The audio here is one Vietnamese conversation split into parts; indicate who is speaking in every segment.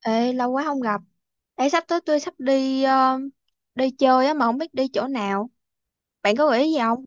Speaker 1: Ê, lâu quá không gặp. Ê, sắp tới tôi sắp đi đi chơi á mà không biết đi chỗ nào. Bạn có gợi ý gì không?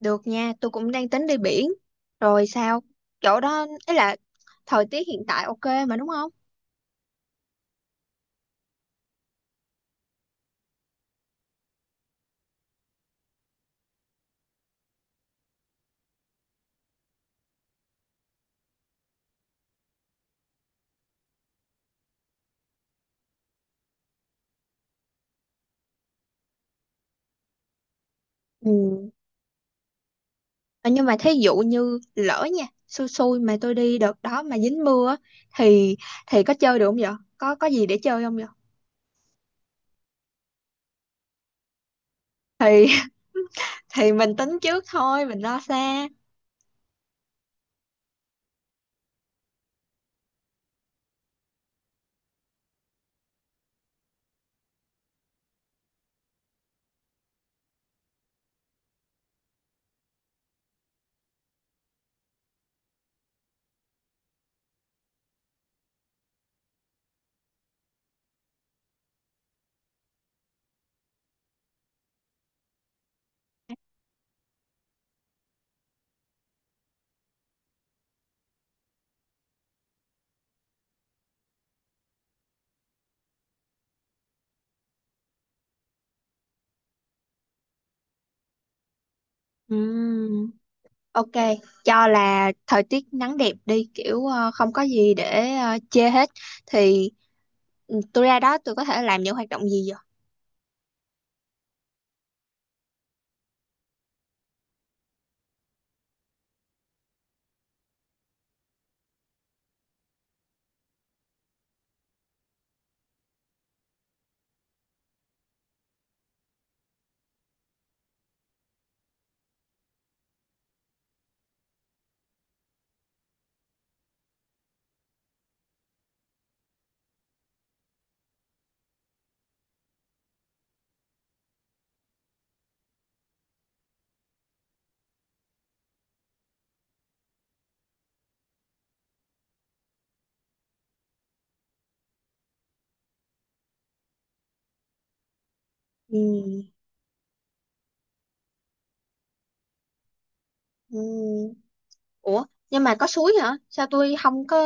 Speaker 1: Được nha, tôi cũng đang tính đi biển. Rồi sao? Chỗ đó ấy là thời tiết hiện tại ok mà đúng không? Ừ. Ờ, Nhưng mà thí dụ như lỡ nha, xui xui mà tôi đi đợt đó mà dính mưa á, thì thì có chơi được không vậy? Có gì để chơi không vậy? Thì thì mình tính trước thôi, mình lo xa. Ừ. Ok, cho là thời tiết nắng đẹp đi kiểu không có gì để chê hết thì tôi ra đó tôi có thể làm những hoạt động gì vậy? Ừm, ừm. Ủa, nhưng mà có suối hả? Sao tôi không có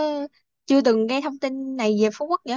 Speaker 1: chưa từng nghe thông tin này về Phú Quốc vậy?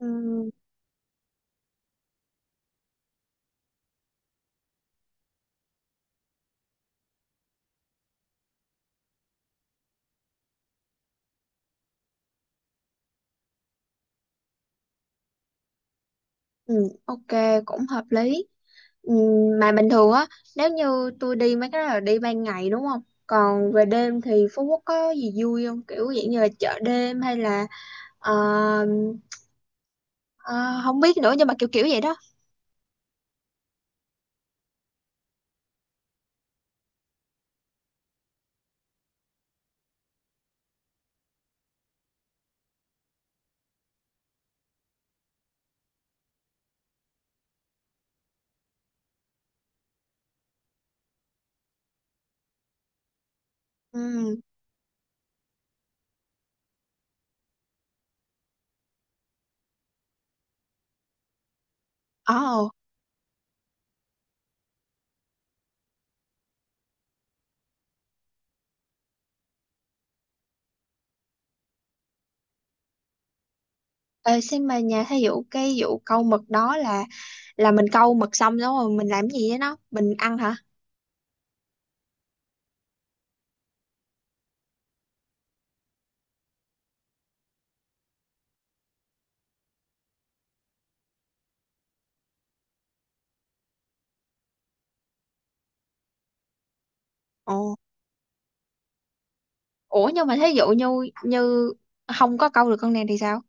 Speaker 1: Ừm, ừm, ok, cũng hợp lý. Ừm, mà bình thường á, nếu như tôi đi mấy cái đó là đi ban ngày đúng không? Còn về đêm thì Phú Quốc có gì vui không? Kiểu dạng như là chợ đêm hay là ờ, Ờ, không biết nữa nhưng mà kiểu kiểu vậy đó. Ừ. Ồ. ờ, Xin mà nhà thí dụ cái vụ câu mực đó là mình câu mực xong đúng rồi mình làm gì với nó, mình ăn hả? Ồ, ủa nhưng mà thí dụ như như không có câu được con này thì sao?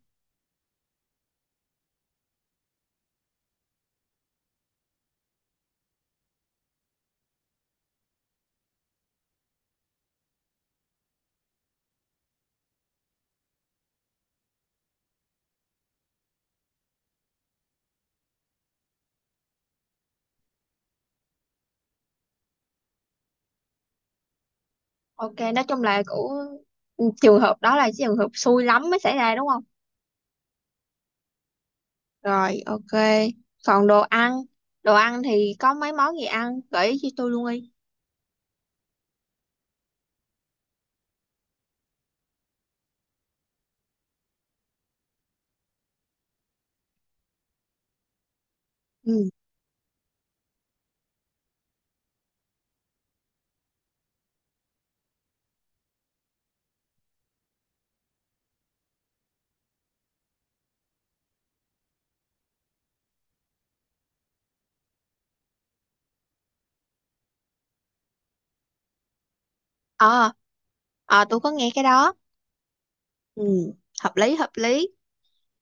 Speaker 1: Ok, nói chung là của trường hợp đó là trường hợp xui lắm mới xảy ra đúng không? Rồi, ok, còn đồ ăn. Đồ ăn thì có mấy món gì ăn, gợi ý cho tôi luôn đi. Ừ. ờ ờ, tôi có nghe cái đó. Ừ, hợp lý hợp lý.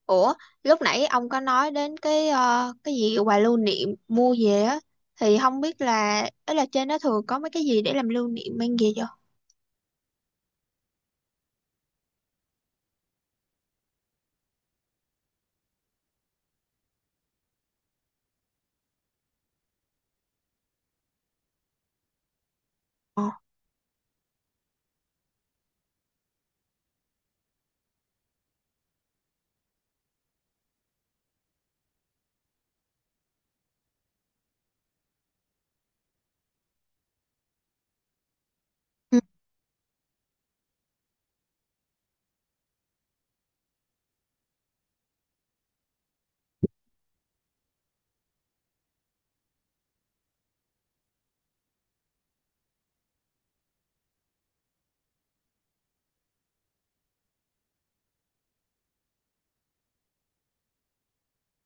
Speaker 1: Ủa, lúc nãy ông có nói đến cái cái gì quà lưu niệm mua về á thì không biết là ấy là trên đó thường có mấy cái gì để làm lưu niệm mang về chưa? Ờ. Ừ.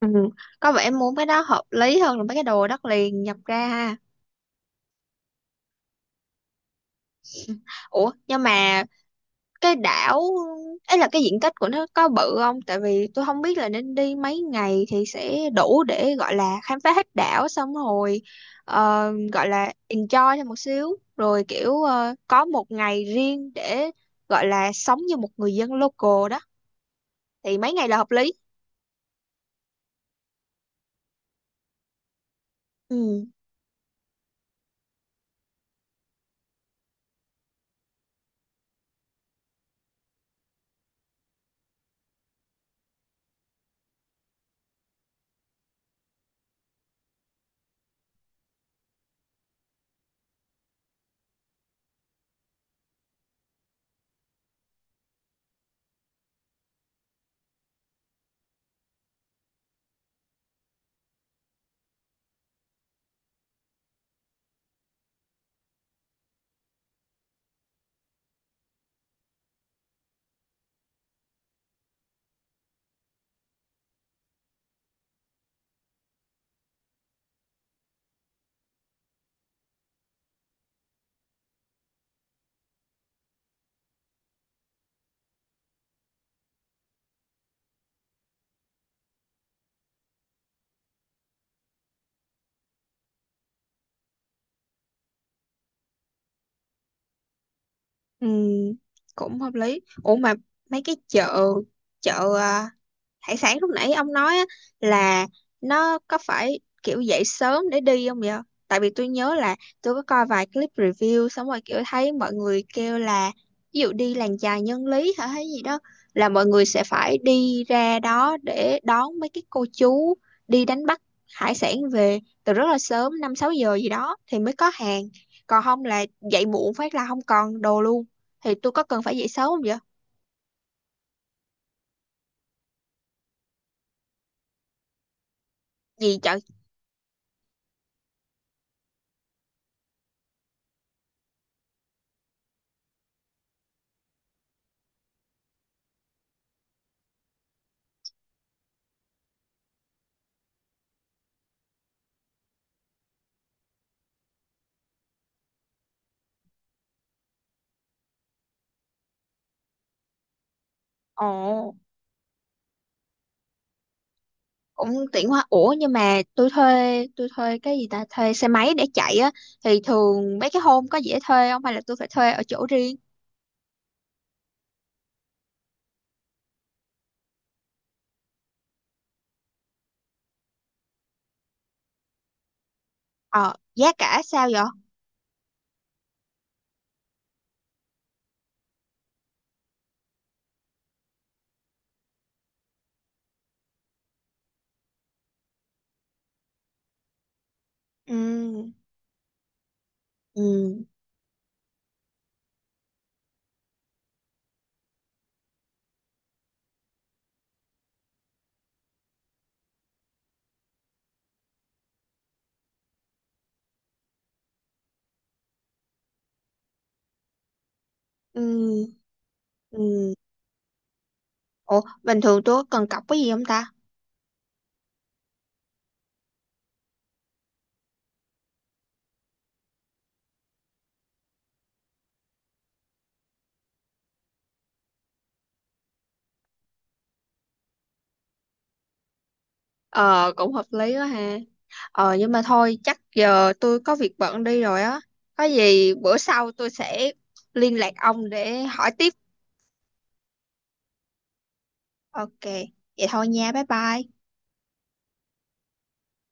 Speaker 1: Ừ. Có vẻ muốn cái đó hợp lý hơn là mấy cái đồ đất liền nhập ra ha. Ủa, nhưng mà cái đảo ấy là cái diện tích của nó có bự không, tại vì tôi không biết là nên đi mấy ngày thì sẽ đủ để gọi là khám phá hết đảo xong rồi gọi là enjoy thêm một xíu rồi kiểu có một ngày riêng để gọi là sống như một người dân local đó, thì mấy ngày là hợp lý? Ừ, ừ, cũng hợp lý. Ủa mà mấy cái chợ, chợ à, hải sản lúc nãy ông nói á, là nó có phải kiểu dậy sớm để đi không vậy? Tại vì tôi nhớ là tôi có coi vài clip review xong rồi kiểu thấy mọi người kêu là ví dụ đi làng chài nhân lý hả hay gì đó là mọi người sẽ phải đi ra đó để đón mấy cái cô chú đi đánh bắt hải sản về từ rất là sớm 5 6 giờ gì đó thì mới có hàng. Còn không là dậy muộn phát là không còn đồ luôn. Thì tôi có cần phải dậy sớm không vậy? Gì trời. Ồ. Cũng tiện quá. Ủa nhưng mà tôi thuê cái gì ta, thuê xe máy để chạy á thì thường mấy cái hôm có dễ thuê không hay là tôi phải thuê ở chỗ riêng? Ờ, giá cả sao vậy? Ừ. Ừ. Ừ. Ừ. Ủa bình thường tôi có cần cọc cái gì không ta? Ờ, cũng hợp lý quá ha. Ờ nhưng mà thôi chắc giờ tôi có việc bận đi rồi á. Có gì bữa sau tôi sẽ liên lạc ông để hỏi tiếp. Ok, vậy thôi nha, bye bye.